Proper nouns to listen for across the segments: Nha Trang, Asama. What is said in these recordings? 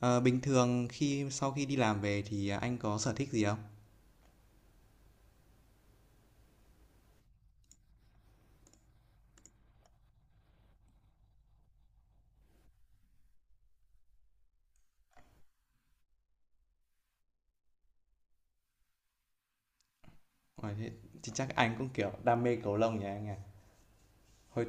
Ờ, Bình thường khi sau khi đi làm về thì anh có sở thích gì không? Ờ, Thế thì chắc anh cũng kiểu đam mê cầu lông nhỉ anh à. Hồi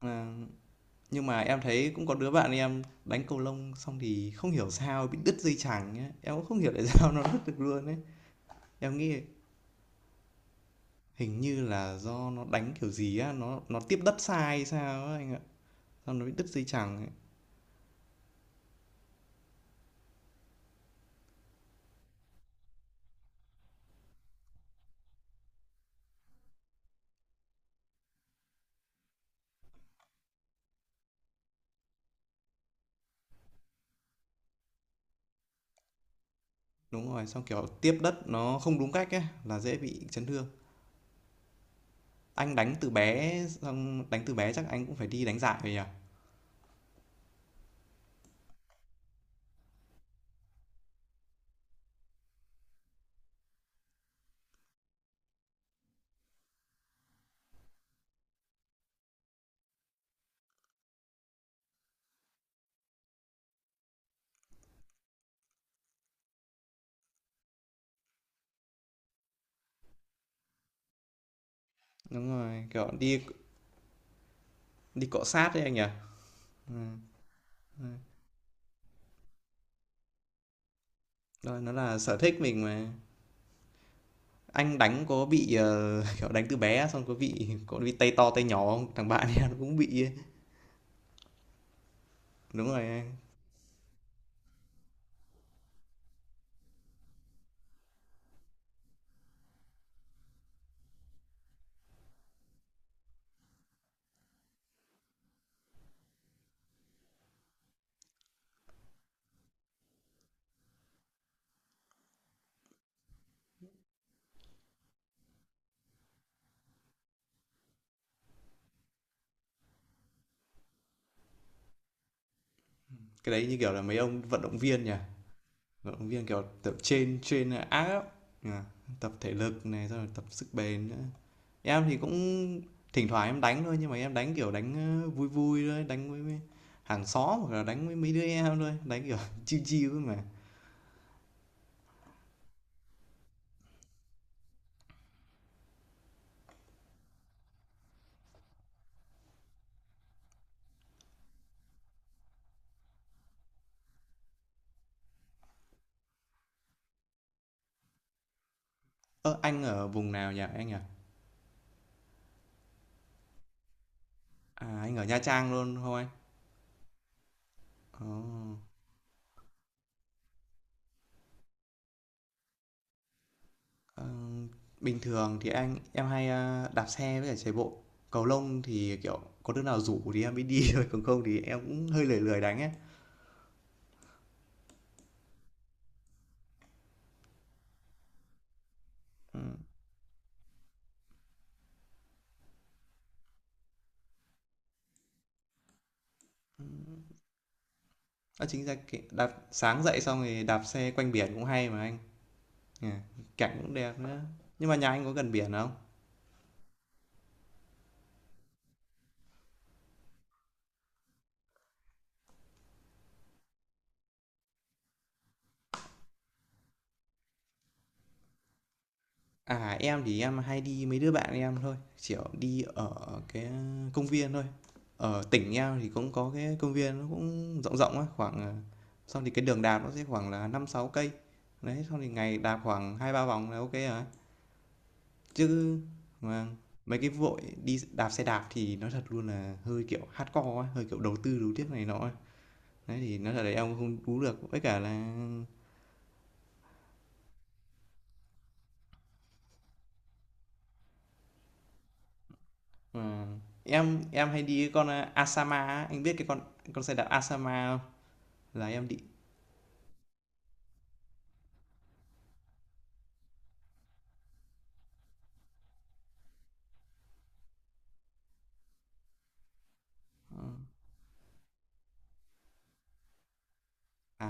ờ, nhưng mà em thấy cũng có đứa bạn em đánh cầu lông xong thì không hiểu sao bị đứt dây chằng ấy. Em cũng không hiểu tại sao nó đứt được luôn ấy. Em nghĩ hình như là do nó đánh kiểu gì á, nó tiếp đất sai sao á anh ạ. Xong nó bị đứt dây chằng ấy. Đúng rồi, xong kiểu tiếp đất nó không đúng cách ấy là dễ bị chấn thương. Anh đánh từ bé xong đánh từ bé chắc anh cũng phải đi đánh giải rồi nhỉ? Đúng rồi, kiểu, đi đi cọ sát đấy anh nhỉ? Ừm, ừm. Rồi, nó là sở thích mình mà. Anh đánh có bị, kiểu, đánh từ bé xong có bị tay to tay nhỏ không? Thằng bạn em nó cũng bị ấy. Đúng rồi anh. Cái đấy như kiểu là mấy ông vận động viên nhỉ? Vận động viên, kiểu, tập trên trên áp, nhỉ? Tập thể lực này, xong rồi tập sức bền nữa. Em thì cũng thỉnh thoảng em đánh thôi, nhưng mà em đánh, kiểu, đánh, ơ, vui vui thôi, đánh với hàng xóm hoặc là đánh với mấy đứa em thôi, đánh, kiểu, chill chill thôi mà. Ơ, anh ở vùng nào nhỉ anh nhỉ? À, anh ở Nha Trang luôn không anh? Ồ, ờ, bình thường thì anh em hay đạp xe với cả chạy bộ. Cầu lông thì kiểu có đứa nào rủ thì em mới đi thôi, còn không thì em cũng hơi lười lười đánh ấy. Ừ. Đó chính ra cái, đạp sáng dậy xong rồi đạp xe quanh biển cũng hay mà anh. Nhỉ, cảnh cũng đẹp nữa. Nhưng mà nhà anh có gần biển không? À, em thì em hay đi mấy đứa bạn em thôi, kiểu đi ở cái công viên thôi. Ở tỉnh em thì cũng có cái công viên nó cũng rộng rộng á, xong thì cái đường đạp nó sẽ khoảng là 5 6 cây. Đấy, sau thì ngày đạp khoảng 2 3 vòng là ok rồi. Chứ mà mấy cái vội đi đạp xe đạp thì nó thật luôn là hơi kiểu hardcore á, hơi kiểu đầu tư đấu tiếp này nọ. Á. Đấy thì nó thật là em không đú được, với cả là mà em hay đi cái con Asama á, anh biết cái con xe đạp Asama không? Là em định ờ, à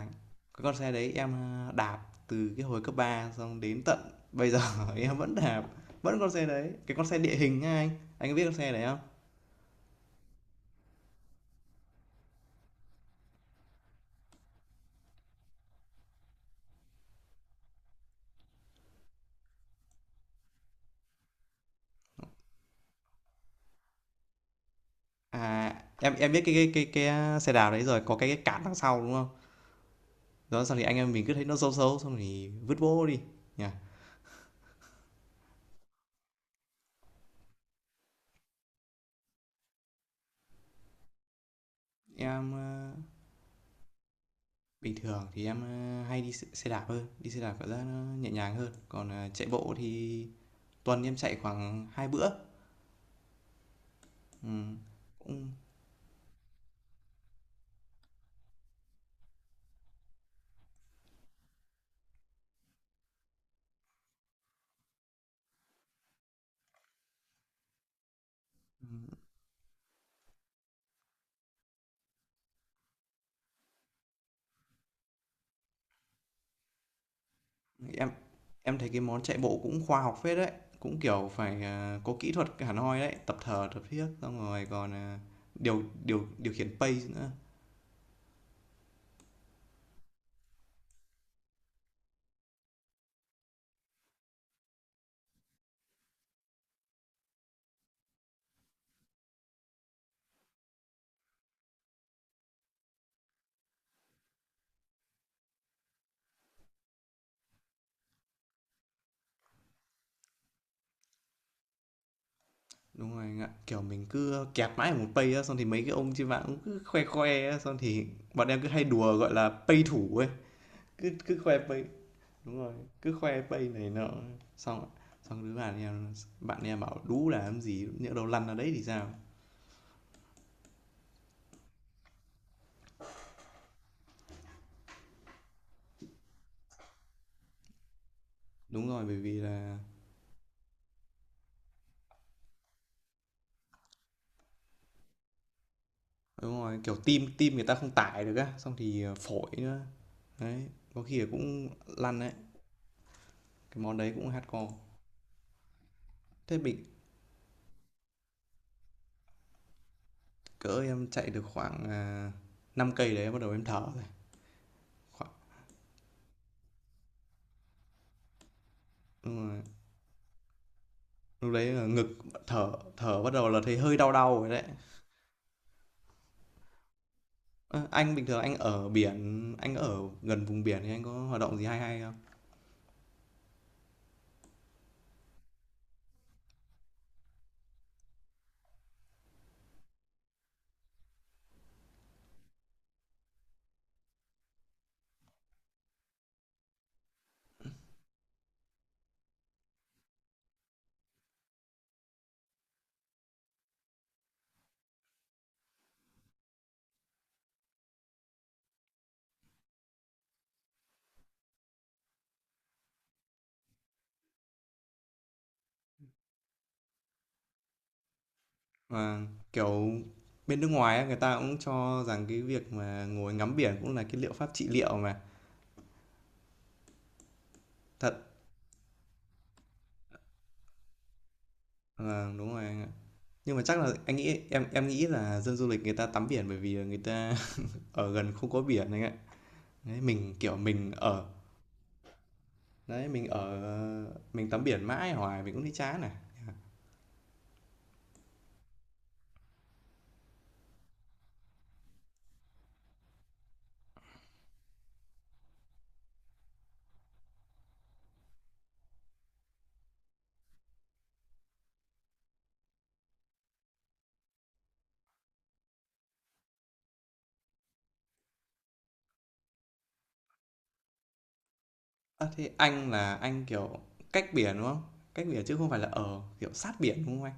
Cái con xe đấy em đạp từ cái hồi cấp 3 xong đến tận bây giờ em vẫn đạp vẫn con xe đấy, cái con xe địa hình á anh có biết con xe đấy không? À, em biết cái xe đạp đấy rồi, có cái cản đằng sau đúng không? Đó xong thì anh em mình cứ thấy nó xấu xấu xong thì vứt bố đi nhỉ. em ờ, Bình thường thì em hay đi xe xe đạp hơn, đi xe đạp cảm giác nó nhẹ nhàng hơn, còn chạy bộ thì tuần em chạy khoảng hai bữa. Ừ. Cũng ừ. Em em thấy cái món chạy bộ cũng khoa học phết đấy, cũng kiểu phải có kỹ thuật hẳn hoi đấy, tập thở, tập thiết xong rồi điều điều điều khiển pace nữa. Đúng rồi anh ạ, kiểu mình cứ kẹt mãi ở một pace á, xong thì mấy cái ông trên mạng cũng cứ khoe khoe á, xong thì bọn em cứ hay đùa gọi là pace thủ ấy, cứ cứ khoe pace. Đúng rồi, cứ khoe pace này nọ xong xong đứa bạn em bảo đú là làm gì nhỡ đâu lăn ra đấy thì sao? Đúng rồi, bởi vì là đúng rồi, kiểu, tim tim người ta không tải được á, xong thì phổi nữa. Đấy, có khi là cũng lăn đấy, cái món đấy cũng hardcore. Thế bị Cỡ em chạy được khoảng, à, 5 cây đấy bắt đầu em thở rồi. Khoảng Đúng rồi, lúc đấy là ngực, thở thở bắt đầu là thấy hơi đau đau rồi đấy. Ơ, anh bình thường anh ở biển, anh ở gần vùng biển thì anh có hoạt động gì hay hay không? Mà kiểu, bên nước ngoài á, người ta cũng cho rằng cái việc mà ngồi ngắm biển cũng là cái liệu pháp trị liệu mà. Thật, vâng, đúng rồi. Nhưng mà chắc là anh nghĩ Em nghĩ là dân du lịch người ta tắm biển bởi vì người ta ở gần không có biển anh ạ. Đấy, mình kiểu mình ở đấy, mình ở mình tắm biển mãi hoài mình cũng thấy chán này. À, thế anh là anh kiểu cách biển đúng không? Cách biển chứ không phải là ở kiểu sát biển đúng không anh?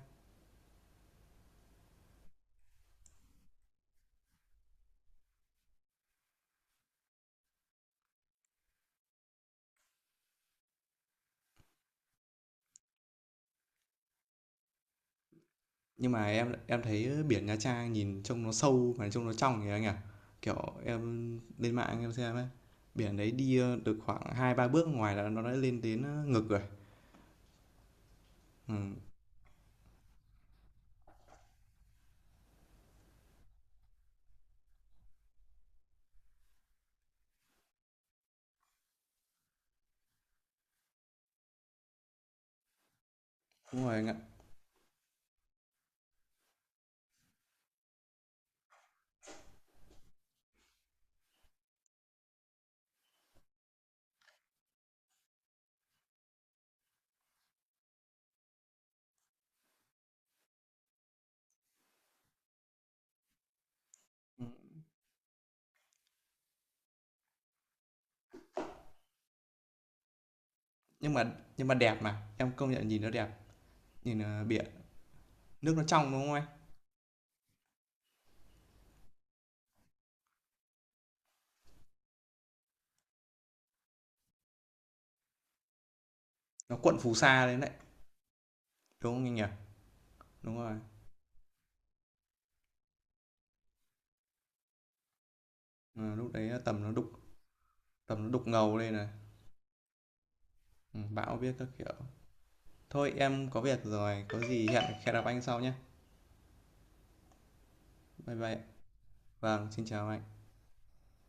Nhưng mà em thấy biển Nha Trang nhìn trông nó sâu mà trông nó trong kìa anh à. Kiểu em lên mạng em xem ấy. Biển đấy đi được khoảng 2 3 bước ngoài là nó đã lên đến ngực rồi. Ừ, đúng rồi anh ạ. Ừ. Nhưng mà đẹp mà em công nhận nhìn nó đẹp, nhìn biển, nước nó trong đúng không anh? Nó cuộn phù sa lên đấy đúng không anh nhỉ? Đúng rồi. Ờ, lúc đấy tầm nó đục, tầm nó đục ngầu lên này. Ừ, bão biết các kiểu. Thôi em có việc rồi, có gì hẹn hẹn gặp anh sau nhé. Bye bye. Vâng, xin chào anh.